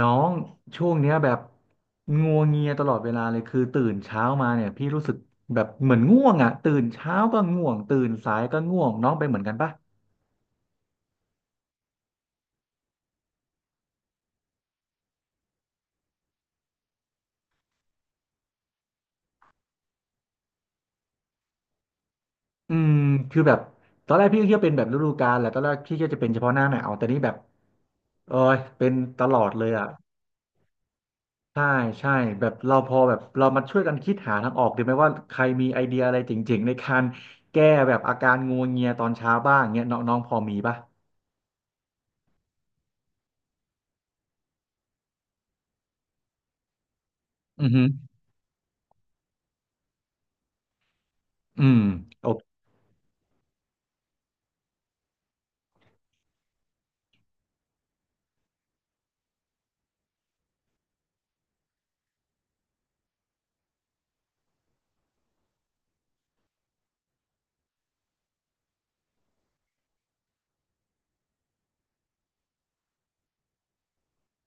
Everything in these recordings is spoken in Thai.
น้องช่วงเนี้ยแบบงัวเงียตลอดเวลาเลยคือตื่นเช้ามาเนี่ยพี่รู้สึกแบบเหมือนง่วงอ่ะตื่นเช้าก็ง่วงตื่นสายก็ง่วงน้องเป็นเหมือนกันปะอืมคือแบบตอนแรกพี่ก็คิดว่าเป็นแบบฤดูกาลแหละตอนแรกพี่ก็จะเป็นเฉพาะหน้าหนาวแต่นี่แบบเออเป็นตลอดเลยอ่ะใช่ใช่แบบเราพอแบบเรามาช่วยกันคิดหาทางออกดีไหมว่าใครมีไอเดียอะไรเจ๋งๆในการแก้แบบอาการงัวเงียตอนเช้าบ้างเงี้ยน้องน้องพอมีปะอือฮึอืมโอเค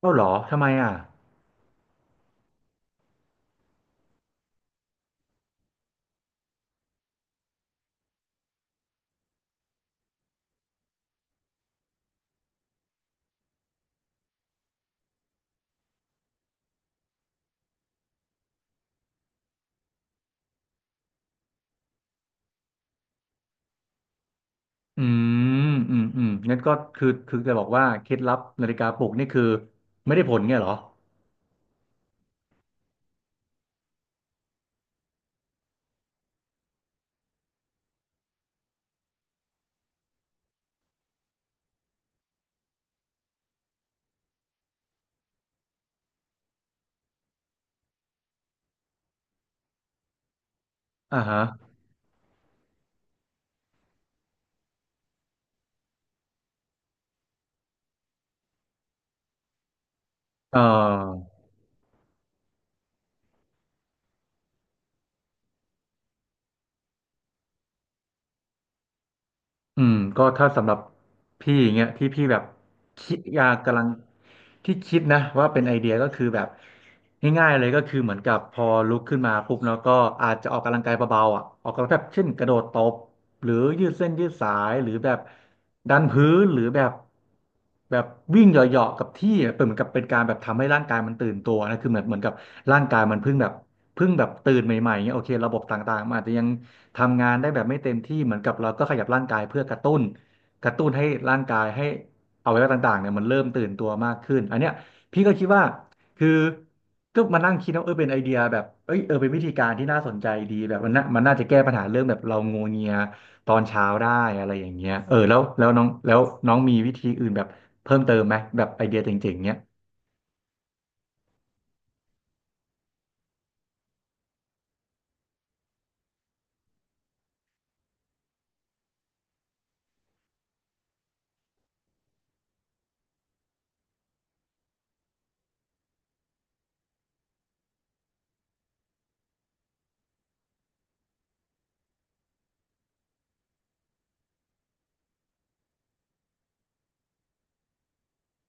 เอ้าเหรอทำไมอ่ะ อืมอืมงั้นก็คือจะบอกว่าเคล็ดลับนาฬิกาปลุกนี่คือไม่ได้ผลเงี้ยเหรอ อ่าฮะเออ อืมก็ถ้าสำหรับพี่อย่างเงี้ยที่พี่แบบคิดอยากกำลังที่คิดนะว่าเป็นไอเดียก็คือแบบง่ายๆเลยก็คือเหมือนกับพอลุกขึ้นมาปุ๊บแล้วก็อาจจะออกกำลังกายเบาๆอ่ะออกกำลังแบบเช่นกระโดดตบหรือยืดเส้นยืดสายหรือแบบดันพื้นหรือแบบแบบวิ่งเหยาะๆกับที่อะเป็นเหมือนกับเป็นการแบบทำให้ร่างกายมันตื่นตัวนะคือเหมือนกับร่างกายมันเพิ่งแบบเพิ่งแบบตื่นใหม่ๆเงี้ยโอเคระบบต่างๆมันอาจจะยัง ทำงานได้แบบไม่เต็มที่เหมือนกับเราก็ขยับร่างกายเพื่อกระตุ้นให้ร่างกายให้อวัยวะต่างๆเนี่ยมันเริ่มตื่นตัวมากขึ้นอันเนี้ยพี่ก็คิดว่าคือก็มานั่งคิดว่าเออเป็นไอเดียแบบเอ้ยเออเป็นวิธีการที่น่าสนใจดีแบบมันน่าจะแก้ปัญหาเรื่องแบบเรางัวเงียตอนเช้าได้อะไรอย่างเงี้ยเออแล้วน้องแล้วน้องมีวิธีอื่นแบบเพิ่มเติมไหมแบบไอเดียเจ๋งๆเนี้ย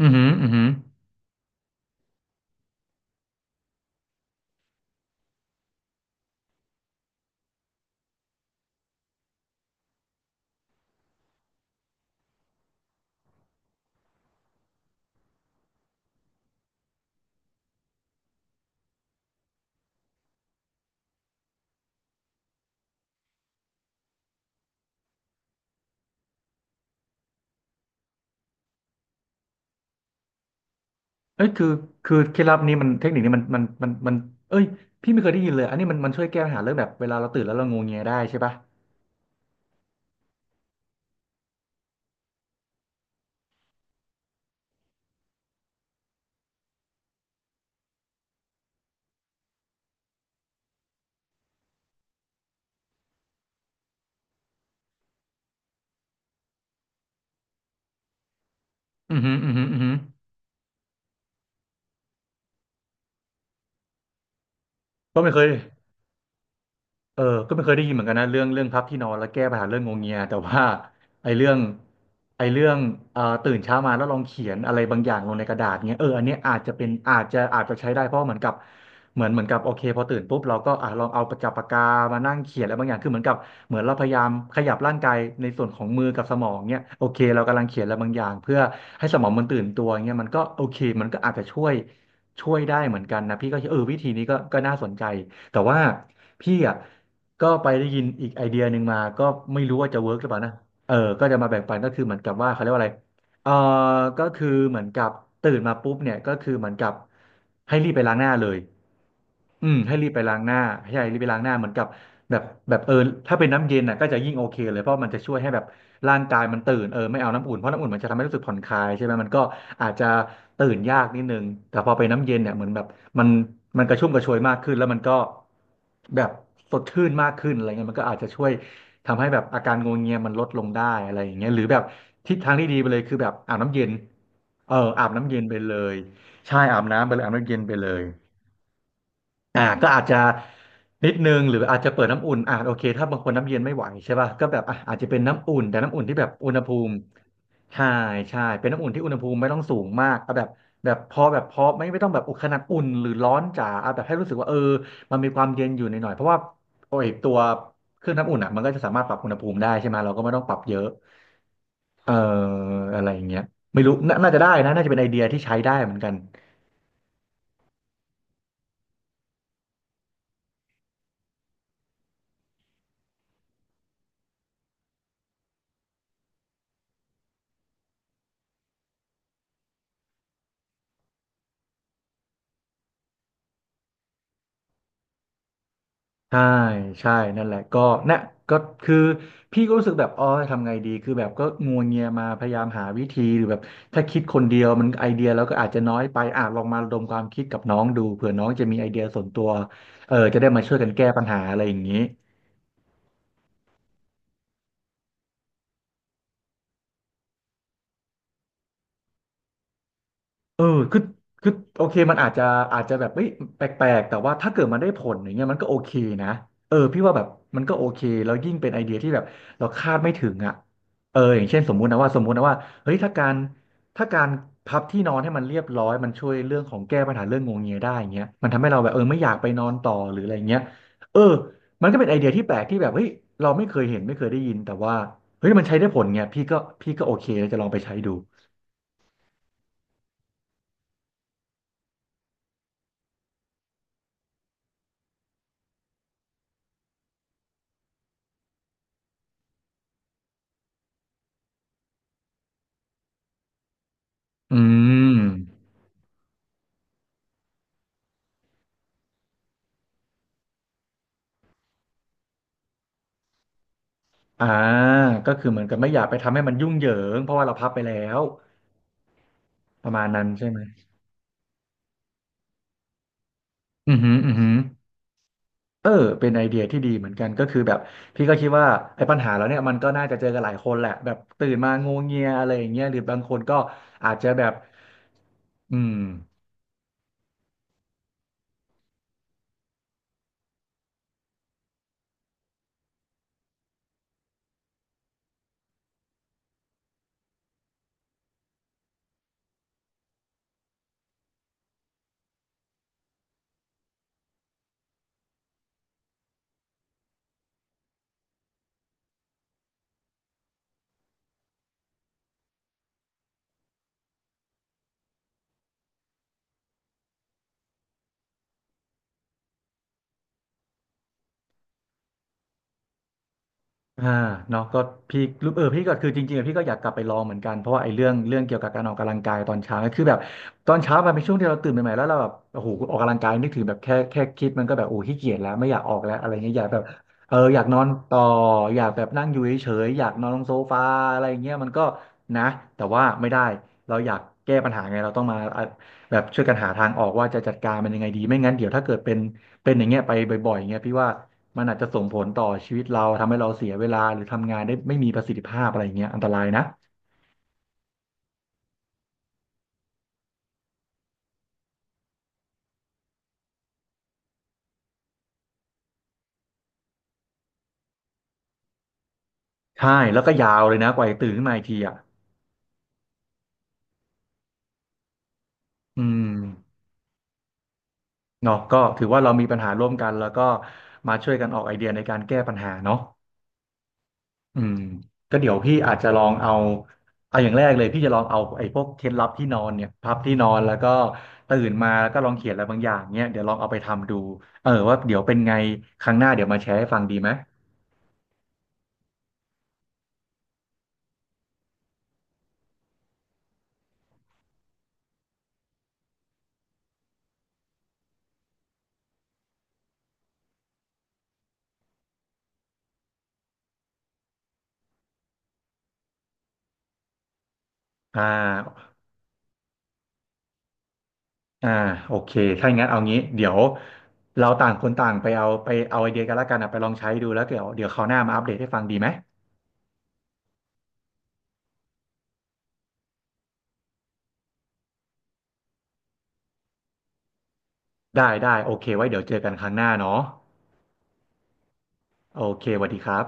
อือหืออือหือ เอ้ยคือเคล็ดลับนี้มันเทคนิคนี้มันเอ้ยพี่ไม่เคยได้ยินเลยอันนี้มันช่วยแก้ปัญหาเรื่องแบบเวลาเราตื่นแล้วเรางวงเงียได้ใช่ปะอือหืออือหืออือหือก็ไม่เคย เออก็ไม่เคยได้ยินเหมือนกันนะเรื่องพับที่นอนแล้วแก้ปัญหาเรื่องงวงเงียแต่ว่าไอ้เรื่องไอ้เรื่องตื่นเช้ามาแล้วลองเขียนอะไรบางอย่างลงในกระดาษเงี้ยเอออันเนี้ยอาจจะเป็นอาจจะใช้ได้เพราะเหมือนกับเหมือนกับโอเคพอตื่นปุ๊บเราก็อ่ะลองเอาประจับปากกามานั่งเขียนอะไรบางอย่างคือเหมือนกับเหมือนเราพยายามขยับร่างกายในส่วนของมือกับสมองเนี้ยโอเคเรากำลังเขียนอะไรบางอย่างเพื่อให้สมองมันตื่นตัวเงี้ยมันก็โอเคมันก็อาจจะช่วยได้เหมือนกันนะพี่ก็คิดเออวิธีนี้ก็น่าสนใจ แต่ว่าพี่อ่ะก็ไปได้ยินอีกไอเดียหนึ่งมาก็ไม่รู้ว่าจะเวิร์กหรือเปล่านะเออก็จะมาแบ่งปันก็คือเหมือนกับว่าเขาเรียกว่าอะไรเออก็คือเหมือนกับตื่นมาปุ๊บเนี่ยก็คือเหมือนกับให้รีบไปล้างหน้าเลยอืมให้รีบไปล้างหน้าให้รีบไปล้างหน้าเหมือนกับแบบแบบเออถ้าเป็นน้ำเย็นน่ะก็จะยิ่งโอเคเลยเพราะมันจะช่วยให้แบบร่างกายมันตื่นเออไม่เอาน้ำอุ่นเพราะน้ำอุ่นมันจะทำให้รู้สึกผ่อนคลายใช่ไหมมันก็อาจจะตื่นยากนิดนึงแต่พอไปนน้ำเย็นเนี่ยเหมือนแบบ มันมันกระชุ่มกระชวยมากขึ้นแล้วมันก็แบบสดชื่นมากขึ้นอะไรเงี้ยมันก็อาจจะช่วยทำให้แบบอาการงวงเงียมันลดลงได้อะไรอย่างเงี้ยหรือแบบทิศทางที่ดีไปเลยคือแบบอาบน้ำเย็นเอออาบน้ำเย็นไปเลยใช่อาบน้ำไปเลยอาบน้ำเย็นไปเลย ก็อาจจะนิดนึงหรืออาจจะเปิดน้ำอุ่นโอเคถ้าบางคนน้ำเย็นไม่ไหวใช่ป่ะก็แบบอ่ะอาจจะเป็นน้ำอุ่นแต่น้ำอุ่นที่แบบอุณหภูมิใช่ใช่เป็นน้ำอุ่นที่อุณหภูมิไม่ต้องสูงมากเอาแบบแบบพอไม่ต้องแบบอุขนาดอุ่นหรือร้อนจ๋าเอาแบบให้รู้สึกว่าเออมันมีความเย็นอยู่หน่อยๆเพราะว่าโอ้ยตัวเครื่องน้ำอุ่นอ่ะมันก็จะสามารถปรับอุณหภูมิได้ใช่ไหมเราก็ไม่ต้องปรับเยอะเอ่ออะไรอย่างเงี้ยไม่รู้น่าจะได้นะน่าจะเป็นไอเดียที่ใช้ได้เหมือนกัน ใช่ใช่นั่นแหละก็นะก็คือพี่ก็รู้สึกแบบอ๋อทำไงดีคือแบบก็งัวเงียมาพยายามหาวิธีหรือแบบถ้าคิดคนเดียวมันไอเดียแล้วก็อาจจะน้อยไปอ่ะลองมาระดมความคิดกับน้องดูเผื่อน้องจะมีไอเดียส่วนตัวเออจะได้มาช่วยกันแก้ปัญหาอะไรอย่างนี้ เออคือคือโอเคมันอาจจะอาจจะแบบเอ้ยแปลกๆแต่ว่าถ้าเกิดมันได้ผลอย่างเงี้ยมันก็โอเคนะเออพี่ว่าแบบมันก็โอเคแล้วยิ่งเป็นไอเดียที่แบบเราคาดไม่ถึงอ่ะเอออย่างเช่นสมมุตินะว่าสมมุตินะว่าเฮ้ยถ้าการพับที่นอนให้มันเรียบร้อยมันช่วยเรื่องของแก้ปัญหาเรื่องงวงเงียได้อย่างเงี้ยมันทำให้เราแบบเออไม่อยากไปนอนต่อหรืออะไรเงี้ยเออมันก็เป็นไอเดียที่แปลกที่แบบเฮ้ยเราไม่เคยเห็นไม่เคยได้ยินแต่ว่าเฮ้ยมันใช้ได้ผลไงพี่ก็โอเคแล้วจะลองไปใช้ดูอืม อ่าก็คือเหมือนกับไม่อยากไปทำให้มันยุ่งเหยิงเพราะว่าเราพับไปแล้วประมาณนั้นใช่ไหมอือหืออือหือเออเป็นไอเดียที่ดีเหมือนกันก็คือแบบพี่ก็คิดว่าไอ้ปัญหาแล้วเนี่ยมันก็น่าจะเจอกันหลายคนแหละแบบตื่นมางวงเงียอะไรอย่างเงี้ยหรือบางคนก็อาจจะแบบอืม อ่าเนาะก็พี่รู้เออพี่ก็คือจริงๆอะพี่ก็อยากกลับไปลองเหมือนกันเพราะว่าไอ้เรื่องเกี่ยวกับการออกกำลังกายตอนเช้าเนี่ยคือแบบตอนเช้ามันเป็นช่วงที่เราตื่นใหม่ๆแล้วเราแบบโอ้โหออกกำลังกายนึกถึงแบบแค่คิดมันก็แบบโอ้ขี้เกียจแล้วไม่อยากออกแล้วอะไรเงี้ยอยากแบบเอออยากนอนต่ออยากแบบนั่งอยู่เฉยๆอยากนอนลงโซฟาอะไรเงี้ยมันก็นะแต่ว่าไม่ได้เราอยากแก้ปัญหาไงเราต้องมาอ่ะแบบช่วยกันหาทางออกว่าจะจัดการมันยังไงดีไม่งั้นเดี๋ยวถ้าเกิดเป็นอย่างเงี้ยไปบ่อยๆเงี้ยพี่ว่า มันอาจจะส่งผลต่อชีวิตเราทำให้เราเสียเวลาหรือทำงานได้ไม่มีประสิทธิภาพอะไรอย่างเงี้ยอันตรายนะใช่แล้วก็ยาวเลยนะกว่าจะตื่นขึ้นมาอีกทีอ่ะอืมเนาะก็ถือว่าเรามีปัญหาร่วมกันแล้วก็มาช่วยกันออกไอเดียในการแก้ปัญหาเนาะอืมก็เดี๋ยวพี่อาจจะลองเอาเอาอย่างแรกเลยพี่จะลองเอาไอ้พวกเคล็ดลับที่นอนเนี่ยพับที่นอนแล้วก็ตื่นมาแล้วก็ลองเขียนอะไรบางอย่างเนี่ยเดี๋ยวลองเอาไปทำดูเออว่าเดี๋ยวเป็นไงครั้งหน้าเดี๋ยวมาแชร์ให้ฟังดีไหมอ่า อ่าโอเคถ้าอย่างนั้นเอางี้เดี๋ยวเราต่างคนต่างไปเอาไปเอาไอเดียกันละกันนะไปลองใช้ดูแล้วเดี๋ยวคราวหน้ามาอัปเดตให้ฟังดีไหมได้ได้โอเคไว้เดี๋ยวเจอกันครั้งหน้าเนาะโอเคสวัสดีครับ